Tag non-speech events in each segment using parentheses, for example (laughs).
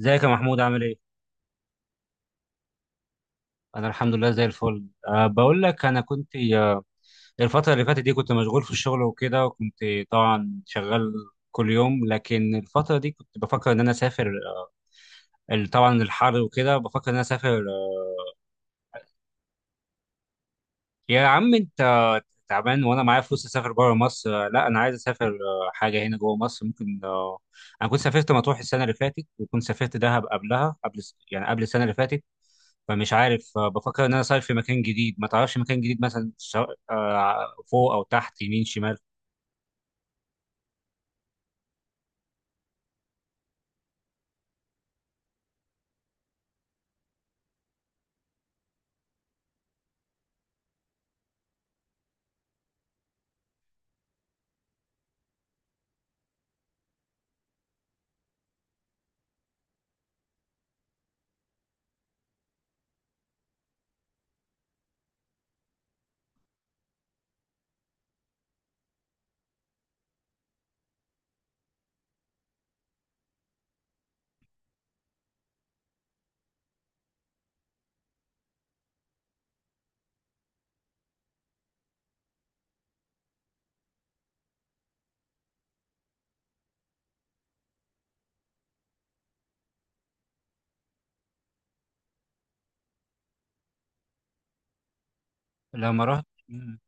ازيك يا محمود عامل ايه؟ انا الحمد لله زي الفل، أه بقول لك انا كنت الفترة اللي فاتت دي كنت مشغول في الشغل وكده، وكنت طبعا شغال كل يوم. لكن الفترة دي كنت بفكر ان انا اسافر، طبعا الحر وكده، بفكر ان انا اسافر يا عم انت تعبان. وانا معايا فلوس اسافر بره مصر؟ لا، انا عايز اسافر حاجة هنا جوه مصر، ممكن. انا كنت سافرت مطروح السنة اللي فاتت، وكنت سافرت دهب قبلها، يعني قبل السنة اللي فاتت. فمش عارف، بفكر ان انا صاير في مكان جديد. ما تعرفش مكان جديد مثلا؟ فوق او تحت، يمين شمال. لما رحت مم.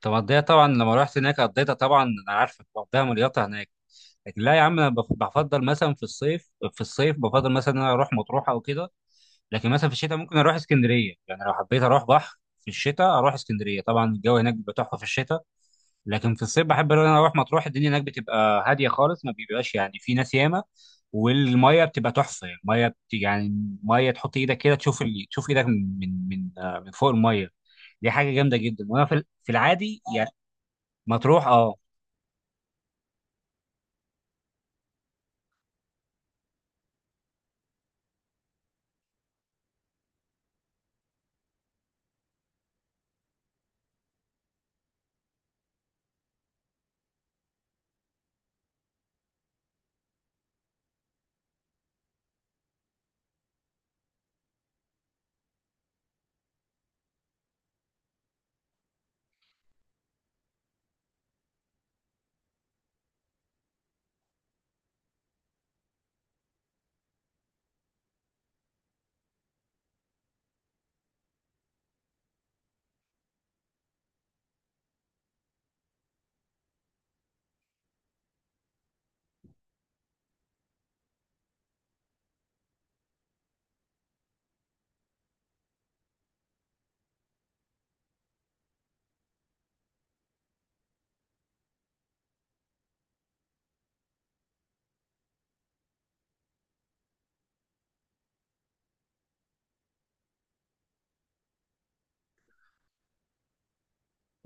طب قضيتها طبعا لما رحت هناك، قضيتها طبعا، انا عارفك بقضيها مليطه هناك. لكن لا يا عم، انا بفضل مثلا في الصيف، في الصيف بفضل مثلا ان انا اروح مطروح او كده. لكن مثلا في الشتاء ممكن اروح اسكندريه، يعني لو حبيت اروح بحر في الشتاء اروح اسكندريه. طبعا الجو هناك بيبقى تحفه في الشتاء. لكن في الصيف بحب ان انا اروح مطروح، الدنيا هناك بتبقى هاديه خالص، ما بيبقاش يعني في ناس ياما. والميه بتبقى تحفه، يعني الميه يعني ميه تحط ايدك كده تشوف تشوف ايدك من فوق الميه. دي حاجه جامده جدا، وانا في العادي يعني. مطروح، اه.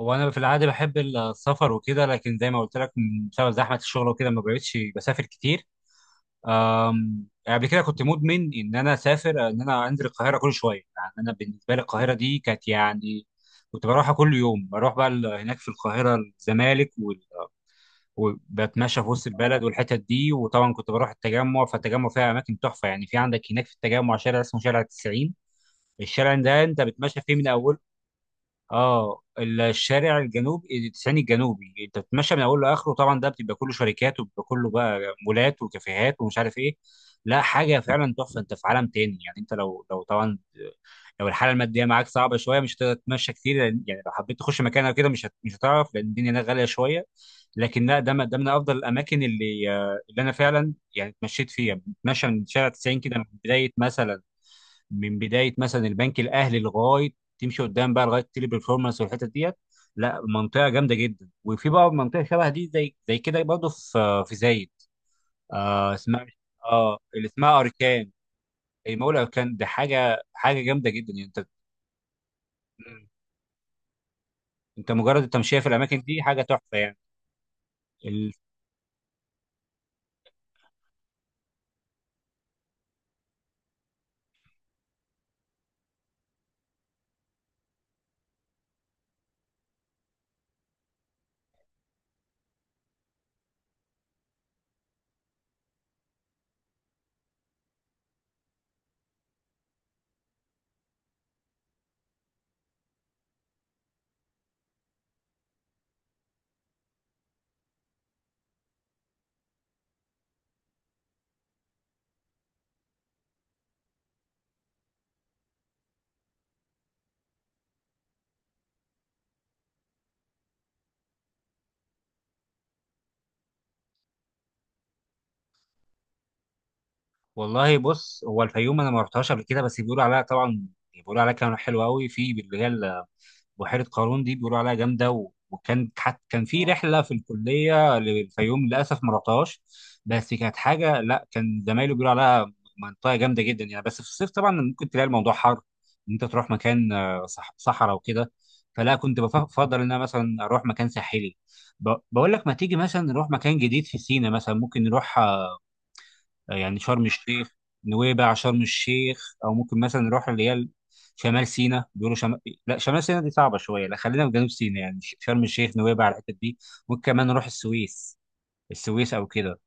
هو انا في العادي بحب السفر وكده، لكن زي ما قلت لك، بسبب زحمه الشغل وكده ما بقتش بسافر كتير. يعني قبل كده كنت مدمن ان انا اسافر، ان انا انزل القاهره كل شويه. يعني انا بالنسبه لي القاهره دي كانت، يعني كنت بروحها كل يوم. بروح بقى هناك في القاهره، الزمالك وبتمشى في وسط البلد والحتت دي. وطبعا كنت بروح التجمع، فالتجمع فيها اماكن تحفه يعني. في عندك هناك في التجمع شارع اسمه شارع 90. الشارع ده انت بتمشى فيه من اوله، اه، الشارع الجنوبي التسعيني الجنوبي. انت بتتمشى من اوله لاخره، طبعا ده بتبقى كله شركات، وبيبقى كله بقى مولات وكافيهات ومش عارف ايه. لا حاجه فعلا تحفه، انت في عالم تاني يعني. انت لو، طبعا لو الحاله الماديه معاك صعبه شويه مش هتقدر تتمشى كتير، يعني لو حبيت تخش مكان او كده مش هتعرف، لان الدنيا هناك غاليه شويه. لكن لا، ده من افضل الاماكن، اللي انا فعلا يعني اتمشيت فيها. بتمشى من شارع 90 كده من بدايه مثلا، من بدايه مثلا البنك الاهلي لغايه، تمشي قدام بقى لغايه تيلي برفورمانس والحته ديت. لا منطقه جامده جدا. وفي بقى منطقه شبه دي، زي زي كده برضه، في زايد، اسمها. اه، اللي اسمها اركان. المول اركان ده حاجه، جامده جدا يعني انت. مم. انت مجرد التمشيه في الاماكن دي حاجه تحفه يعني. ال... والله بص، هو الفيوم انا ما رحتهاش قبل كده، بس بيقولوا عليها طبعا، بيقولوا عليها كلام حلو قوي. في اللي هي بحيره قارون دي، بيقولوا عليها جامده. كان في رحله في الكليه للفيوم، للاسف ما رحتهاش. بس كانت حاجه، لا، كان زمايله بيقولوا عليها منطقه جامده جدا يعني. بس في الصيف طبعا ممكن تلاقي الموضوع حر، ان انت تروح مكان صحراء وكده. فلا، كنت بفضل ان انا مثلا اروح مكان ساحلي. بقول لك، ما تيجي مثلا نروح مكان جديد في سينا مثلا؟ ممكن نروح يعني شرم الشيخ، نويبع، شرم الشيخ، او ممكن مثلا نروح اللي هي شمال سيناء. بيقولوا شمال، لا شمال سيناء دي صعبه شويه. لا خلينا في جنوب سيناء، يعني شرم الشيخ، نويبع، الحتت دي. ممكن كمان نروح السويس، السويس او كده.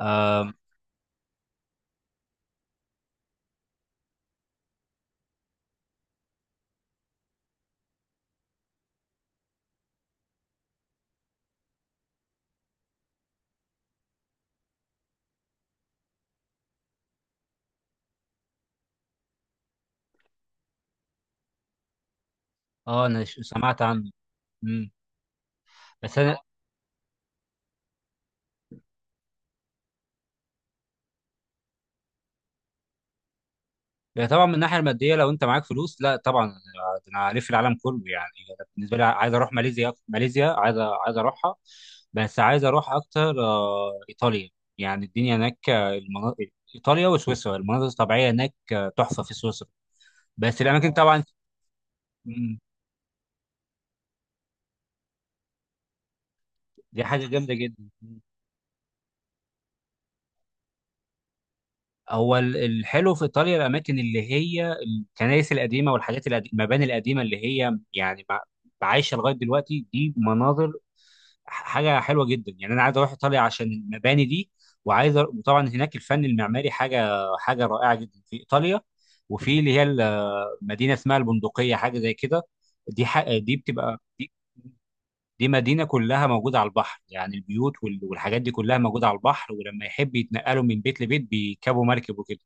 آم، اه، انا سمعت عنه. مم. بس انا. لا طبعا من الناحيه الماديه، لو انت معاك فلوس لا طبعا، أنا هلف العالم كله يعني. أنا بالنسبه لي عايز اروح ماليزيا، عايز، اروحها. بس عايز اروح اكتر ايطاليا، يعني الدنيا هناك، المناطق. ايطاليا وسويسرا، المناظر الطبيعيه هناك تحفه، في سويسرا. بس الاماكن طبعا، مم، دي حاجه جامده جدا. هو الحلو في ايطاليا، الاماكن اللي هي الكنائس القديمه والحاجات القديمه، المباني القديمه اللي هي يعني عايشه لغايه دلوقتي. دي مناظر، حاجه حلوه جدا يعني. انا عايز اروح ايطاليا عشان المباني دي. وطبعا هناك الفن المعماري حاجه، رائعه جدا في ايطاليا. وفي اللي هي مدينه اسمها البندقيه، حاجه زي كده. دي ح... دي بتبقى دي مدينة كلها موجودة على البحر، يعني البيوت والحاجات دي كلها موجودة على البحر. ولما يحب يتنقلوا من بيت لبيت بيركبوا مركب وكده.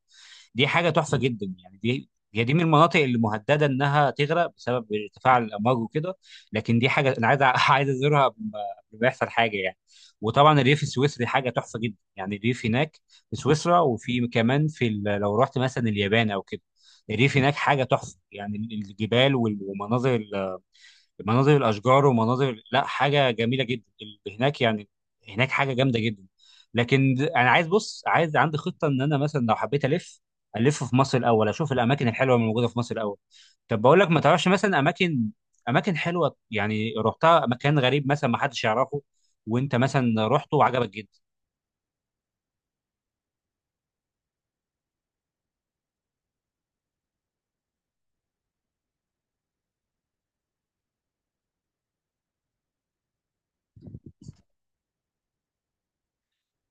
دي حاجة تحفة جدا يعني. دي من المناطق اللي مهددة إنها تغرق بسبب ارتفاع الأمواج وكده. لكن دي حاجة أنا عايز (laughs) عايز أزورها قبل ما، يحصل حاجة يعني. وطبعا الريف السويسري حاجة تحفة جدا، يعني الريف هناك في سويسرا. وفي كمان، لو رحت مثلا اليابان أو كده، الريف هناك حاجة تحفة يعني. الجبال والمناظر، مناظر الاشجار، ومناظر، لا حاجه جميله جدا هناك يعني. هناك حاجه جامده جدا. لكن، انا عايز، بص، عايز عندي خطه ان انا مثلا لو حبيت الف، الف في مصر الاول، اشوف الاماكن الحلوه اللي موجوده في مصر الاول. طب بقول لك، ما تعرفش مثلا اماكن، اماكن حلوه يعني رحتها، مكان غريب مثلا ما حدش يعرفه، وانت مثلا رحته وعجبك جدا؟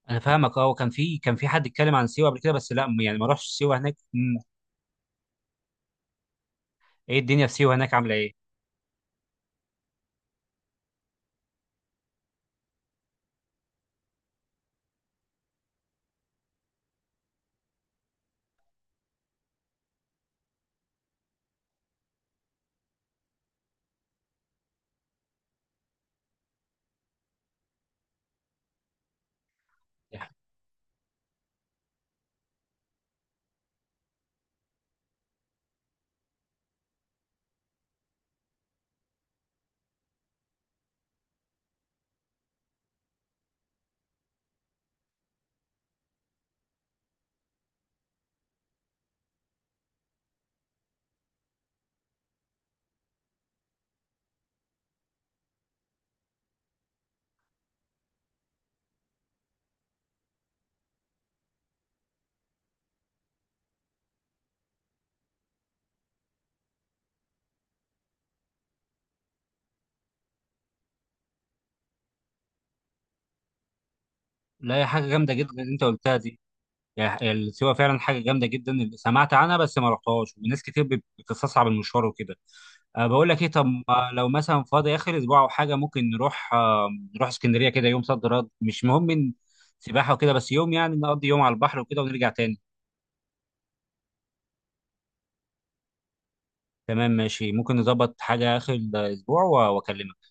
انا فاهمك، اه. وكان في، كان في حد اتكلم عن سيوه قبل كده، بس لا يعني ما رحتش سيوه هناك. مم. ايه الدنيا في سيوه هناك عامله ايه؟ يعني، لا، هي حاجه جامده جدا اللي انت قلتها دي. يعني السيوة فعلا حاجة جامدة جدا، سمعت عنها بس ما رحتهاش، وناس كتير بتستصعب المشوار وكده. أه بقول لك ايه، طب ما لو مثلا فاضي آخر أسبوع أو حاجة، ممكن نروح اسكندرية كده، يوم صد رد مش مهم، من سباحة وكده، بس يوم يعني نقضي يوم على البحر وكده ونرجع تاني. تمام، ماشي. ممكن نظبط حاجة آخر الأسبوع وأكلمك.